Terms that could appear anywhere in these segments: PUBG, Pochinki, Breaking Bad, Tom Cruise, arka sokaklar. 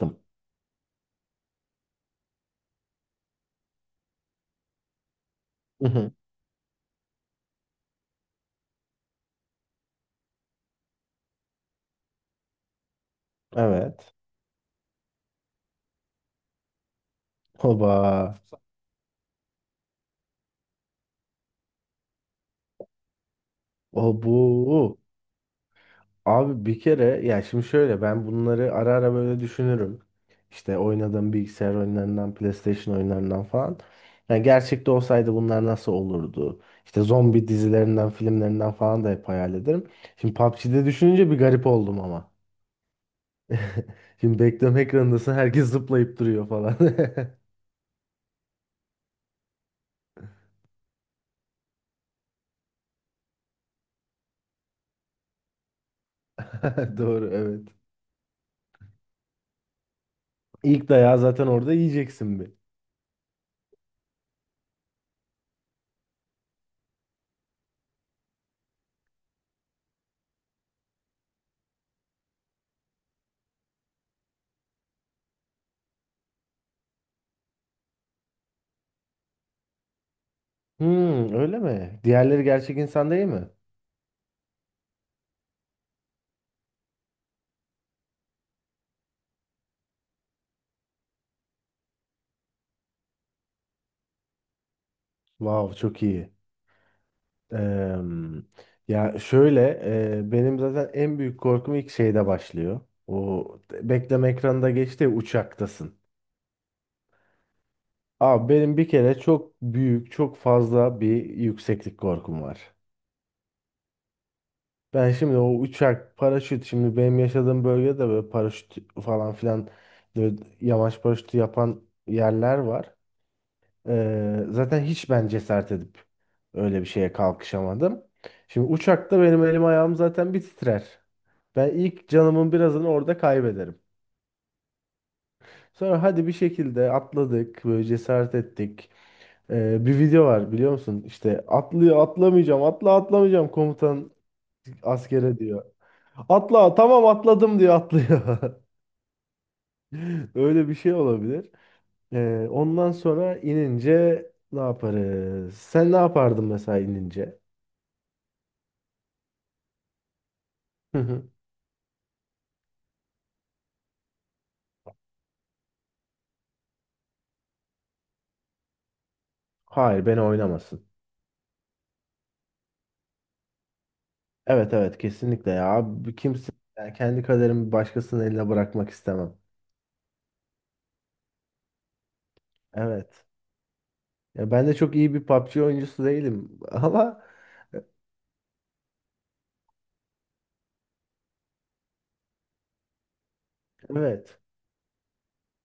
Yaptım. Hı hı. Evet. Oba. O bu. Abi bir kere ya şimdi şöyle ben bunları ara ara böyle düşünürüm. İşte oynadığım bilgisayar oyunlarından, PlayStation oyunlarından falan. Yani gerçekte olsaydı bunlar nasıl olurdu? İşte zombi dizilerinden, filmlerinden falan da hep hayal ederim. Şimdi PUBG'de düşününce bir garip oldum ama. Şimdi bekleme ekranındasın, herkes zıplayıp duruyor falan. Doğru, evet. İlk dayağı zaten orada yiyeceksin bir. Hmm, öyle mi? Diğerleri gerçek insan değil mi? Wow, çok iyi. Eee, ya şöyle, benim zaten en büyük korkum ilk şeyde başlıyor. O bekleme ekranında geçti ya, uçaktasın. Abi benim bir kere çok büyük, çok fazla bir yükseklik korkum var. Ben şimdi o uçak, paraşüt, şimdi benim yaşadığım bölgede böyle paraşüt falan filan, böyle yamaç paraşütü yapan yerler var. Zaten hiç ben cesaret edip öyle bir şeye kalkışamadım. Şimdi uçakta benim elim ayağım zaten bir titrer. Ben ilk canımın birazını orada kaybederim. Sonra hadi bir şekilde atladık, böyle cesaret ettik. Bir video var, biliyor musun? İşte atlıyor, atlamayacağım, atla atlamayacağım, komutan askere diyor. Atla, tamam atladım diyor, atlıyor. Öyle bir şey olabilir. Ondan sonra inince ne yaparız? Sen ne yapardın mesela inince? Hayır, beni oynamasın. Evet, evet, kesinlikle ya. Bu Kimse yani kendi kaderimi başkasının eline bırakmak istemem. Evet. Ya ben de çok iyi bir PUBG oyuncusu değilim, ama evet.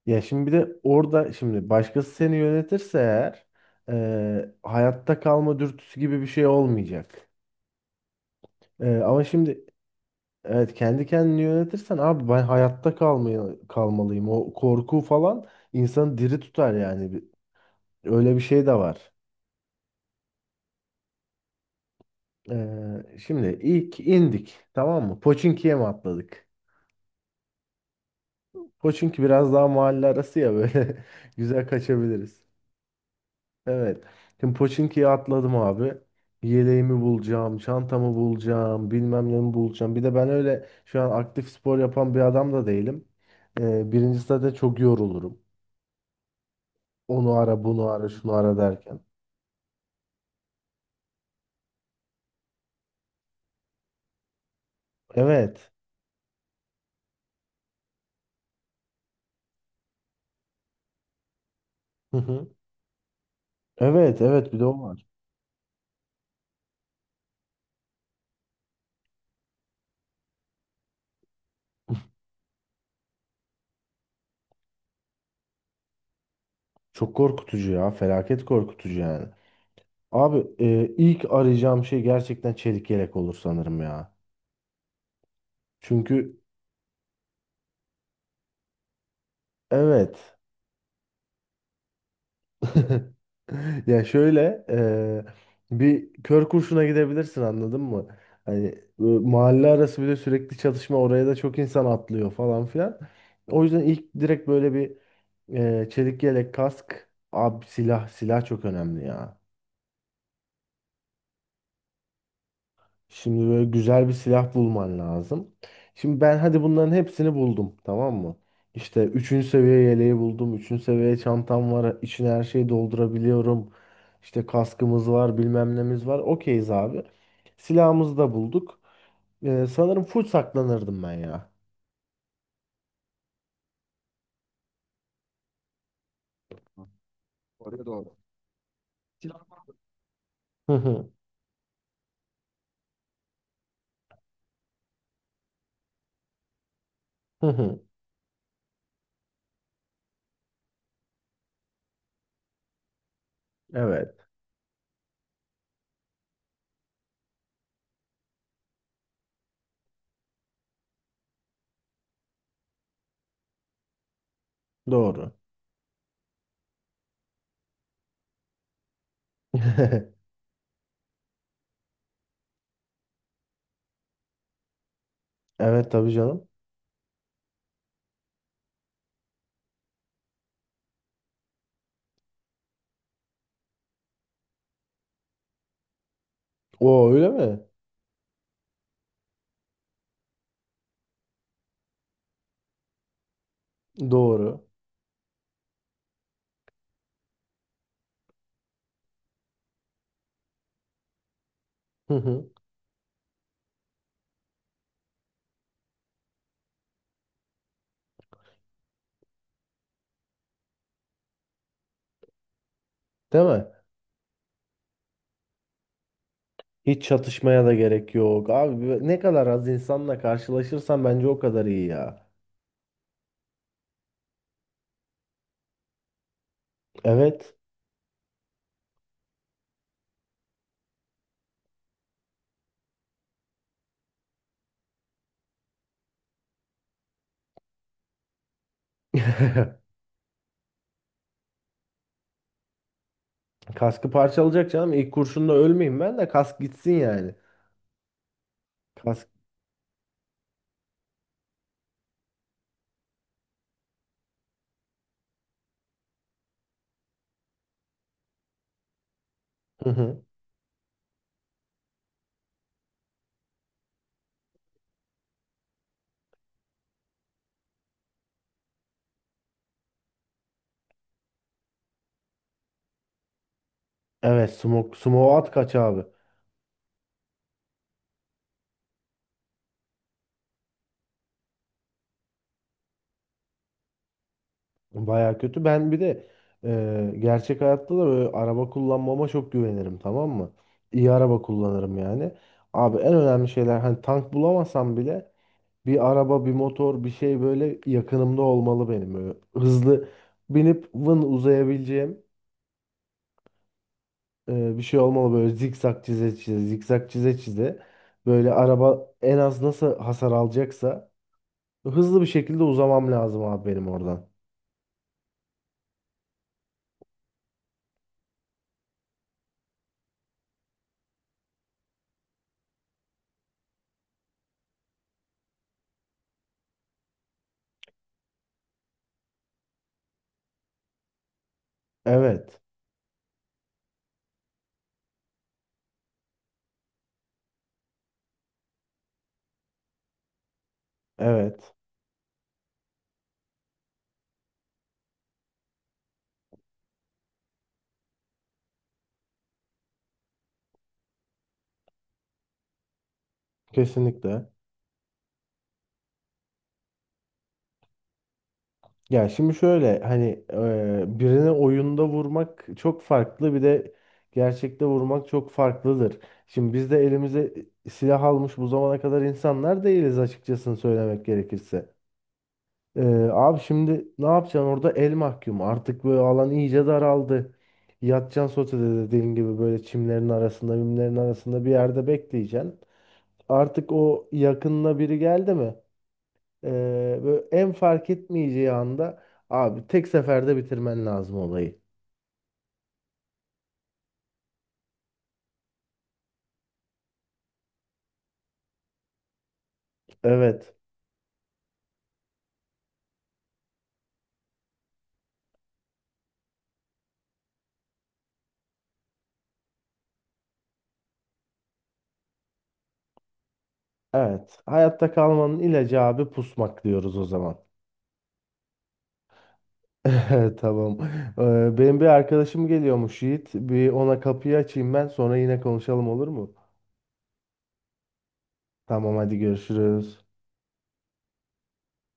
Ya şimdi bir de orada, şimdi başkası seni yönetirse eğer, hayatta kalma dürtüsü gibi bir şey olmayacak. Ama şimdi, evet, kendi kendini yönetirsen abi ben hayatta kalmayı, kalmalıyım. O korku falan insanı diri tutar yani. Öyle bir şey de var. Şimdi ilk indik, tamam mı? Pochinki'ye mi atladık? Pochinki biraz daha mahalle arası ya, böyle güzel kaçabiliriz. Evet. Şimdi Pochinki'ye atladım abi. Yeleğimi bulacağım, çantamı bulacağım, bilmem ne bulacağım. Bir de ben öyle şu an aktif spor yapan bir adam da değilim. Birincisi zaten çok yorulurum. Onu ara, bunu ara, şunu ara derken. Evet. Hı hı. Evet, evet, bir de o var. Çok korkutucu ya. Felaket korkutucu yani. Abi, ilk arayacağım şey gerçekten çelik yelek olur sanırım ya. Çünkü evet. Ya şöyle, bir kör kurşuna gidebilirsin, anladın mı? Hani, mahalle arası, bir de sürekli çatışma, oraya da çok insan atlıyor falan filan. O yüzden ilk direkt böyle bir, çelik yelek, kask abi, silah, silah çok önemli ya. Şimdi böyle güzel bir silah bulman lazım. Şimdi ben hadi bunların hepsini buldum, tamam mı? İşte üçüncü seviye yeleği buldum. Üçüncü seviye çantam var. İçine her şeyi doldurabiliyorum. İşte kaskımız var, bilmem nemiz var. Okeyiz abi. Silahımızı da bulduk. Sanırım full saklanırdım ben ya. Hı hı, hı hı. Evet, doğru. Evet, tabii canım. O öyle mi? Doğru. Hı hı. Değil mi? Hiç çatışmaya da gerek yok. Abi ne kadar az insanla karşılaşırsan bence o kadar iyi ya. Evet. Kaskı parçalayacak canım. İlk kurşunla ölmeyeyim, ben de kask gitsin yani. Kask. Hı hı. Evet, smoke, smoke at kaç abi. Baya kötü. Ben bir de, gerçek hayatta da böyle araba kullanmama çok güvenirim, tamam mı? İyi araba kullanırım yani. Abi en önemli şeyler, hani tank bulamasam bile bir araba, bir motor, bir şey böyle yakınımda olmalı benim. Böyle hızlı binip vın uzayabileceğim, bir şey olmalı. Böyle zikzak çize çize, zikzak çize çize. Böyle araba en az nasıl hasar alacaksa hızlı bir şekilde uzamam lazım abi benim oradan. Evet, evet. Kesinlikle. Ya şimdi şöyle, hani, birini oyunda vurmak çok farklı, bir de gerçekte vurmak çok farklıdır. Şimdi biz de elimize silah almış bu zamana kadar insanlar değiliz, açıkçası söylemek gerekirse. E, abi şimdi ne yapacaksın orada, el mahkum artık, böyle alan iyice daraldı. Yatacaksın sotede dediğin gibi, böyle çimlerin arasında, mimlerin arasında bir yerde bekleyeceksin. Artık o, yakınına biri geldi mi, Ee, böyle en fark etmeyeceği anda abi tek seferde bitirmen lazım olayı. Evet. Evet. Hayatta kalmanın ilacı abi pusmak, diyoruz o zaman. Tamam. Benim bir arkadaşım geliyormuş, Yiğit. Bir ona kapıyı açayım, ben sonra yine konuşalım, olur mu? Tamam, hadi görüşürüz.